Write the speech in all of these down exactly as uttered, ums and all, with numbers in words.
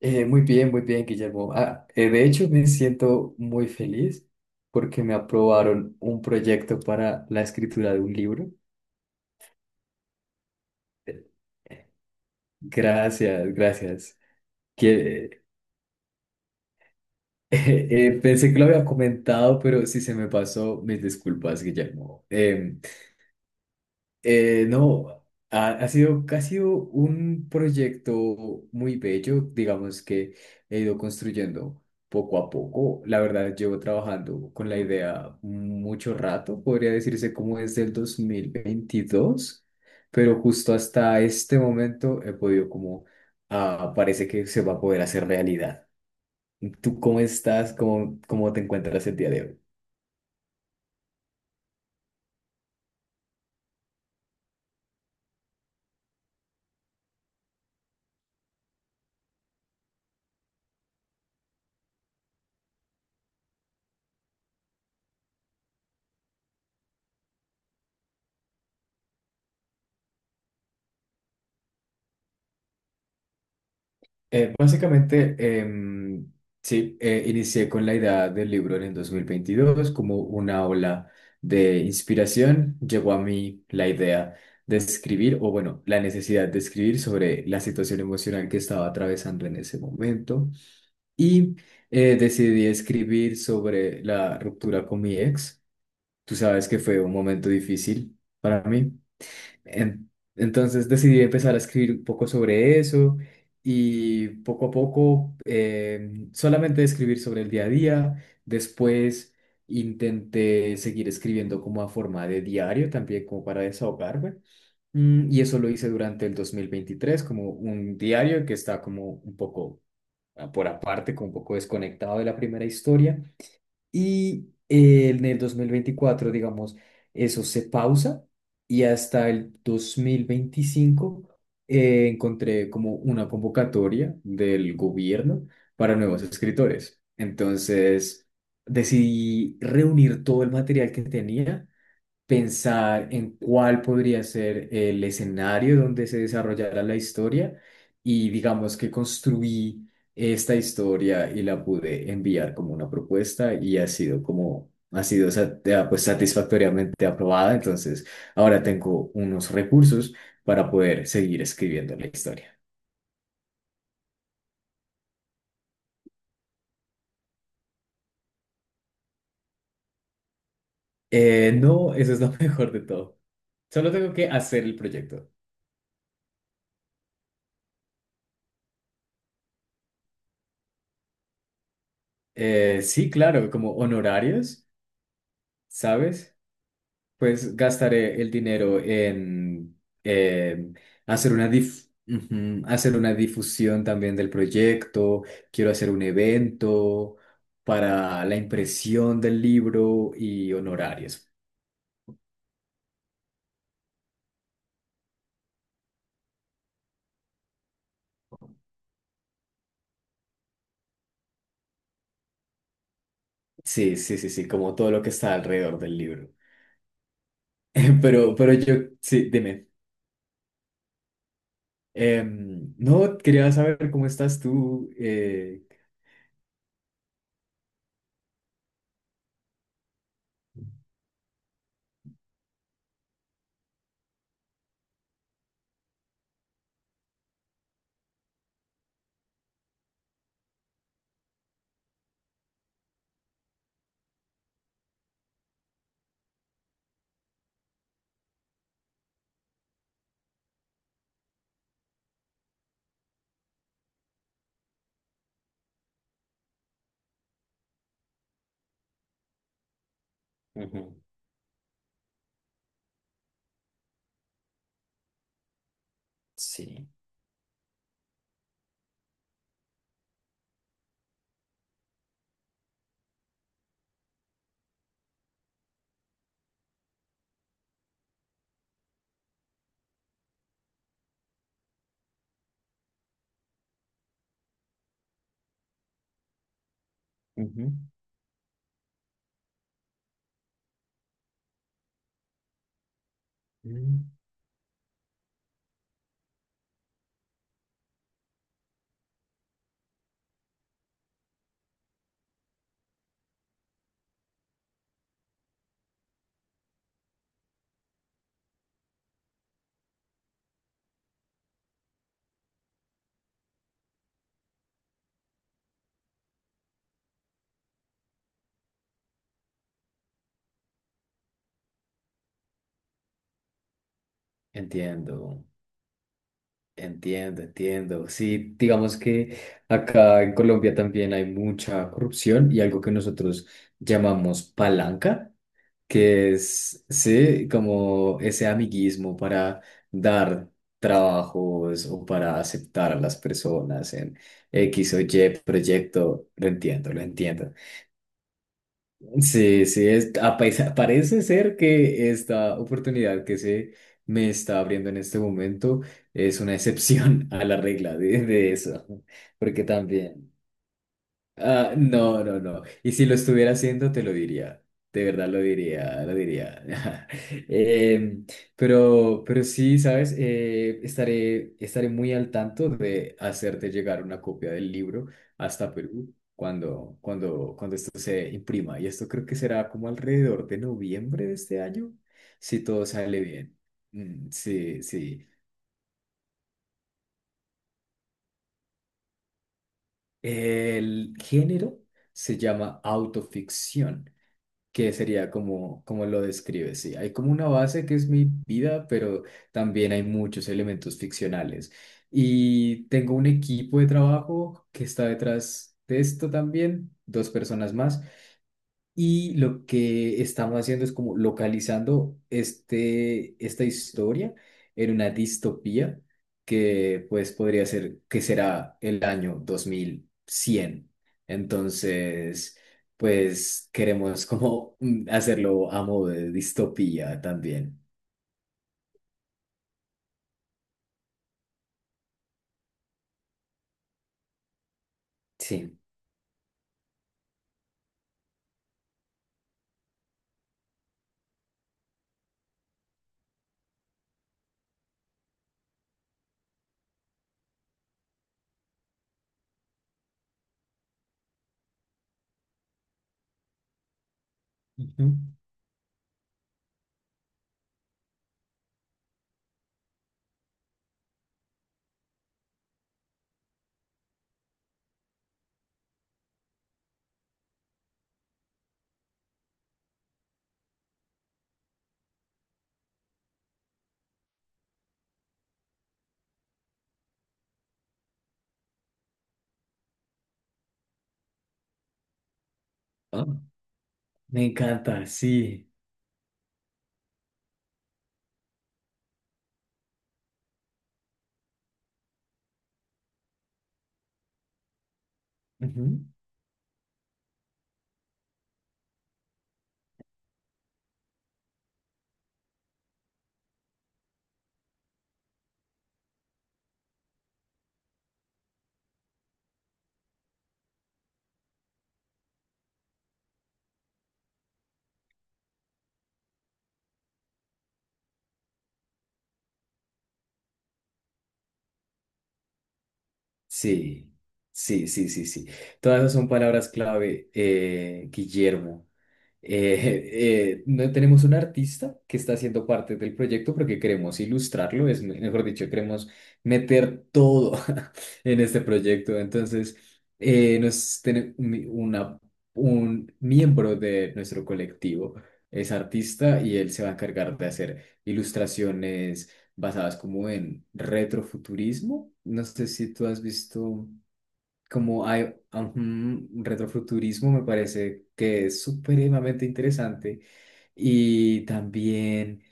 Eh, muy bien, muy bien, Guillermo. Ah, eh, de hecho, me siento muy feliz porque me aprobaron un proyecto para la escritura de un libro. Gracias, gracias. Que, eh, pensé que lo había comentado, pero si se me pasó, mis disculpas, Guillermo. Em, Eh, no, ha, ha sido, ha sido un proyecto muy bello, digamos que he ido construyendo poco a poco. La verdad, llevo trabajando con la idea mucho rato, podría decirse como desde el dos mil veintidós, pero justo hasta este momento he podido como, ah, parece que se va a poder hacer realidad. ¿Tú cómo estás? ¿Cómo, cómo te encuentras el día de hoy? Eh, básicamente, em, sí, eh, inicié con la idea del libro en el dos mil veintidós como una ola de inspiración. Llegó a mí la idea de escribir, o bueno, la necesidad de escribir sobre la situación emocional que estaba atravesando en ese momento. Y eh, Decidí escribir sobre la ruptura con mi ex. Tú sabes que fue un momento difícil para mí. En- entonces decidí empezar a escribir un poco sobre eso y poco a poco eh, solamente escribir sobre el día a día. Después intenté seguir escribiendo como a forma de diario también como para desahogarme. Mm, y eso lo hice durante el dos mil veintitrés como un diario que está como un poco ah, por aparte, como un poco desconectado de la primera historia. Y eh, en el dos mil veinticuatro digamos, eso se pausa y hasta el dos mil veinticinco eh, encontré como una convocatoria del gobierno para nuevos escritores. Entonces, decidí reunir todo el material que tenía, pensar en cuál podría ser el escenario donde se desarrollara la historia y digamos que construí esta historia y la pude enviar como una propuesta, y ha sido como ha sido sa- eh, pues satisfactoriamente aprobada. Entonces ahora tengo unos recursos para poder seguir escribiendo la historia. Eh, no, eso es lo mejor de todo. Solo tengo que hacer el proyecto. Eh, sí, claro, como honorarios, ¿sabes? Pues gastaré el dinero en eh, hacer una dif- ujú, hacer una difusión también del proyecto. Quiero hacer un evento para la impresión del libro y honorarios. Sí, sí, sí, sí, como todo lo que está alrededor del libro. Pero, pero yo, sí, dime. Em, no, quería saber cómo estás tú. Eh, ujú. Sí. Ujú. Mm. Entiendo. Entiendo, entiendo. Sí, digamos que acá en Colombia también hay mucha corrupción y algo que nosotros llamamos palanca, que es, sí, como ese amiguismo para dar trabajos o para aceptar a las personas en X o Y proyecto. Lo entiendo, lo entiendo. Sí, sí, es, a paisa- parece ser que esta oportunidad que se me está abriendo en este momento es una excepción a la regla de, de eso, porque también. Ah, no, no, no. Y si lo estuviera haciendo, te lo diría. De verdad lo diría, lo diría. Em, pero, pero sí, ¿sabes? Eh, estaré, estaré muy al tanto de hacerte llegar una copia del libro hasta Perú cuando, cuando, cuando esto se imprima. Y esto creo que será como alrededor de noviembre de este año, si todo sale bien. Mm, sí, sí. El género se llama autoficción, que sería como, como lo describes, sí. Hay como una base que es mi vida, pero también hay muchos elementos ficcionales. Y tengo un equipo de trabajo que está detrás de esto también, dos personas más. Y lo que estamos haciendo es como localizando este, esta historia en una distopía que pues podría ser que será el año dos mil cien. Entonces, pues queremos como mm, hacerlo a modo de distopía también. Sí. Ujú. Ah, me encanta, sí. Ujú. Sí, sí, sí, sí, sí. Todas esas son palabras clave, eh, Guillermo. Eh, eh, no- tenemos un artista que está haciendo parte del proyecto porque queremos ilustrarlo, es me- mejor dicho, queremos meter todo en este proyecto. Entonces, eh, nos tiene mi- una, un miembro de nuestro colectivo es artista y él se va a encargar de hacer ilustraciones basadas como en retrofuturismo. No sé si tú has visto como hay, ujú, un retrofuturismo, me parece que es supremamente interesante. Y también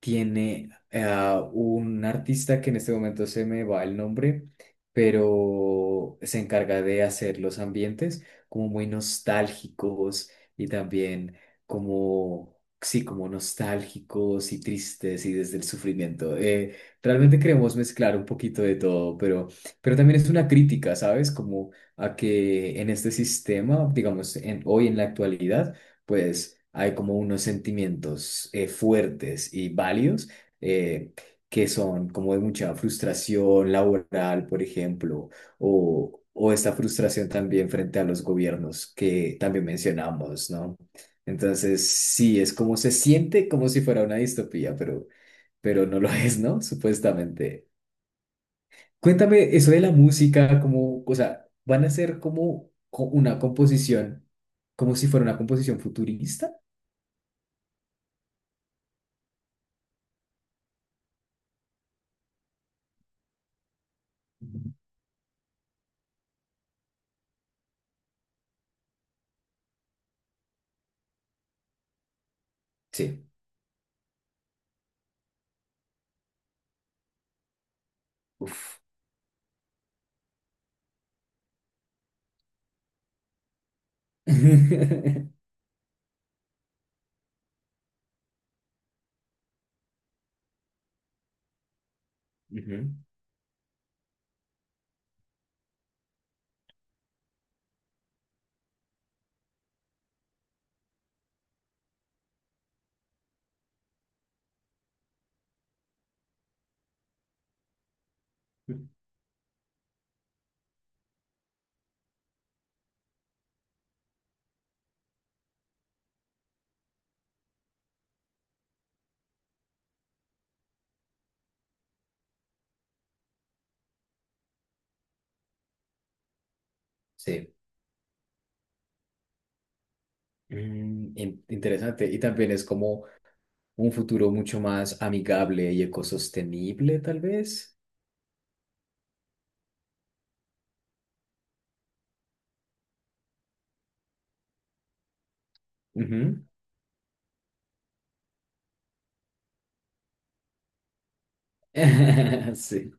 tiene a un artista que en este momento se me va el nombre, pero se encarga de hacer los ambientes como muy nostálgicos y también como, sí, como nostálgicos y tristes y desde el sufrimiento. Eh, realmente queremos mezclar un poquito de todo, pero, pero también es una crítica, ¿sabes? Como a que en este sistema, digamos, en, hoy en la actualidad, pues hay como unos sentimientos eh, fuertes y válidos eh, que son como de mucha frustración laboral, por ejemplo, o, o esta frustración también frente a los gobiernos que también mencionamos, ¿no? Entonces, sí, es como se siente como si fuera una distopía, pero, pero no lo es, ¿no? Supuestamente. Cuéntame eso de la música, como, o sea, van a ser como co- una composición, como si fuera una composición futurista. Sí. Uf. Ujú. Sí. Mm, in- interesante. Y también es como un futuro mucho más amigable y ecosostenible, tal vez. Ujú. Sí.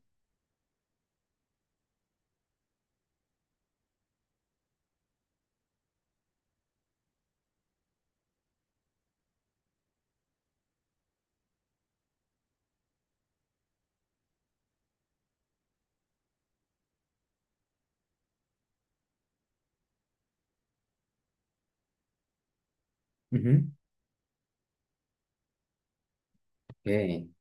Ujú. Ok.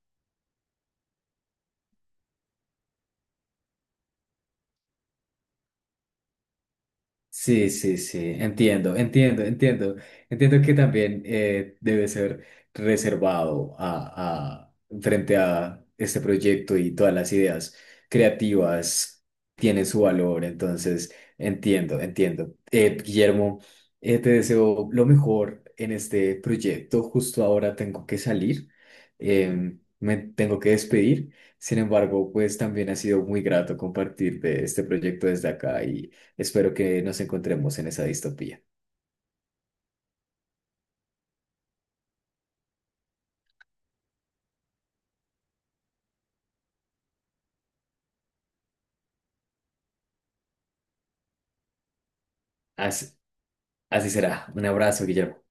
Sí, sí, sí, entiendo, entiendo, entiendo. Entiendo que también eh, debe ser reservado a, a- frente a este proyecto, y todas las ideas creativas tienen su valor, entonces entiendo, entiendo. Eh, Guillermo, eh, te deseo lo mejor en este proyecto. Justo ahora tengo que salir, eh, me tengo que despedir. Sin embargo, pues también ha sido muy grato compartir de este proyecto desde acá. Y espero que nos encontremos en esa distopía. Así, así será. Un abrazo, Guillermo.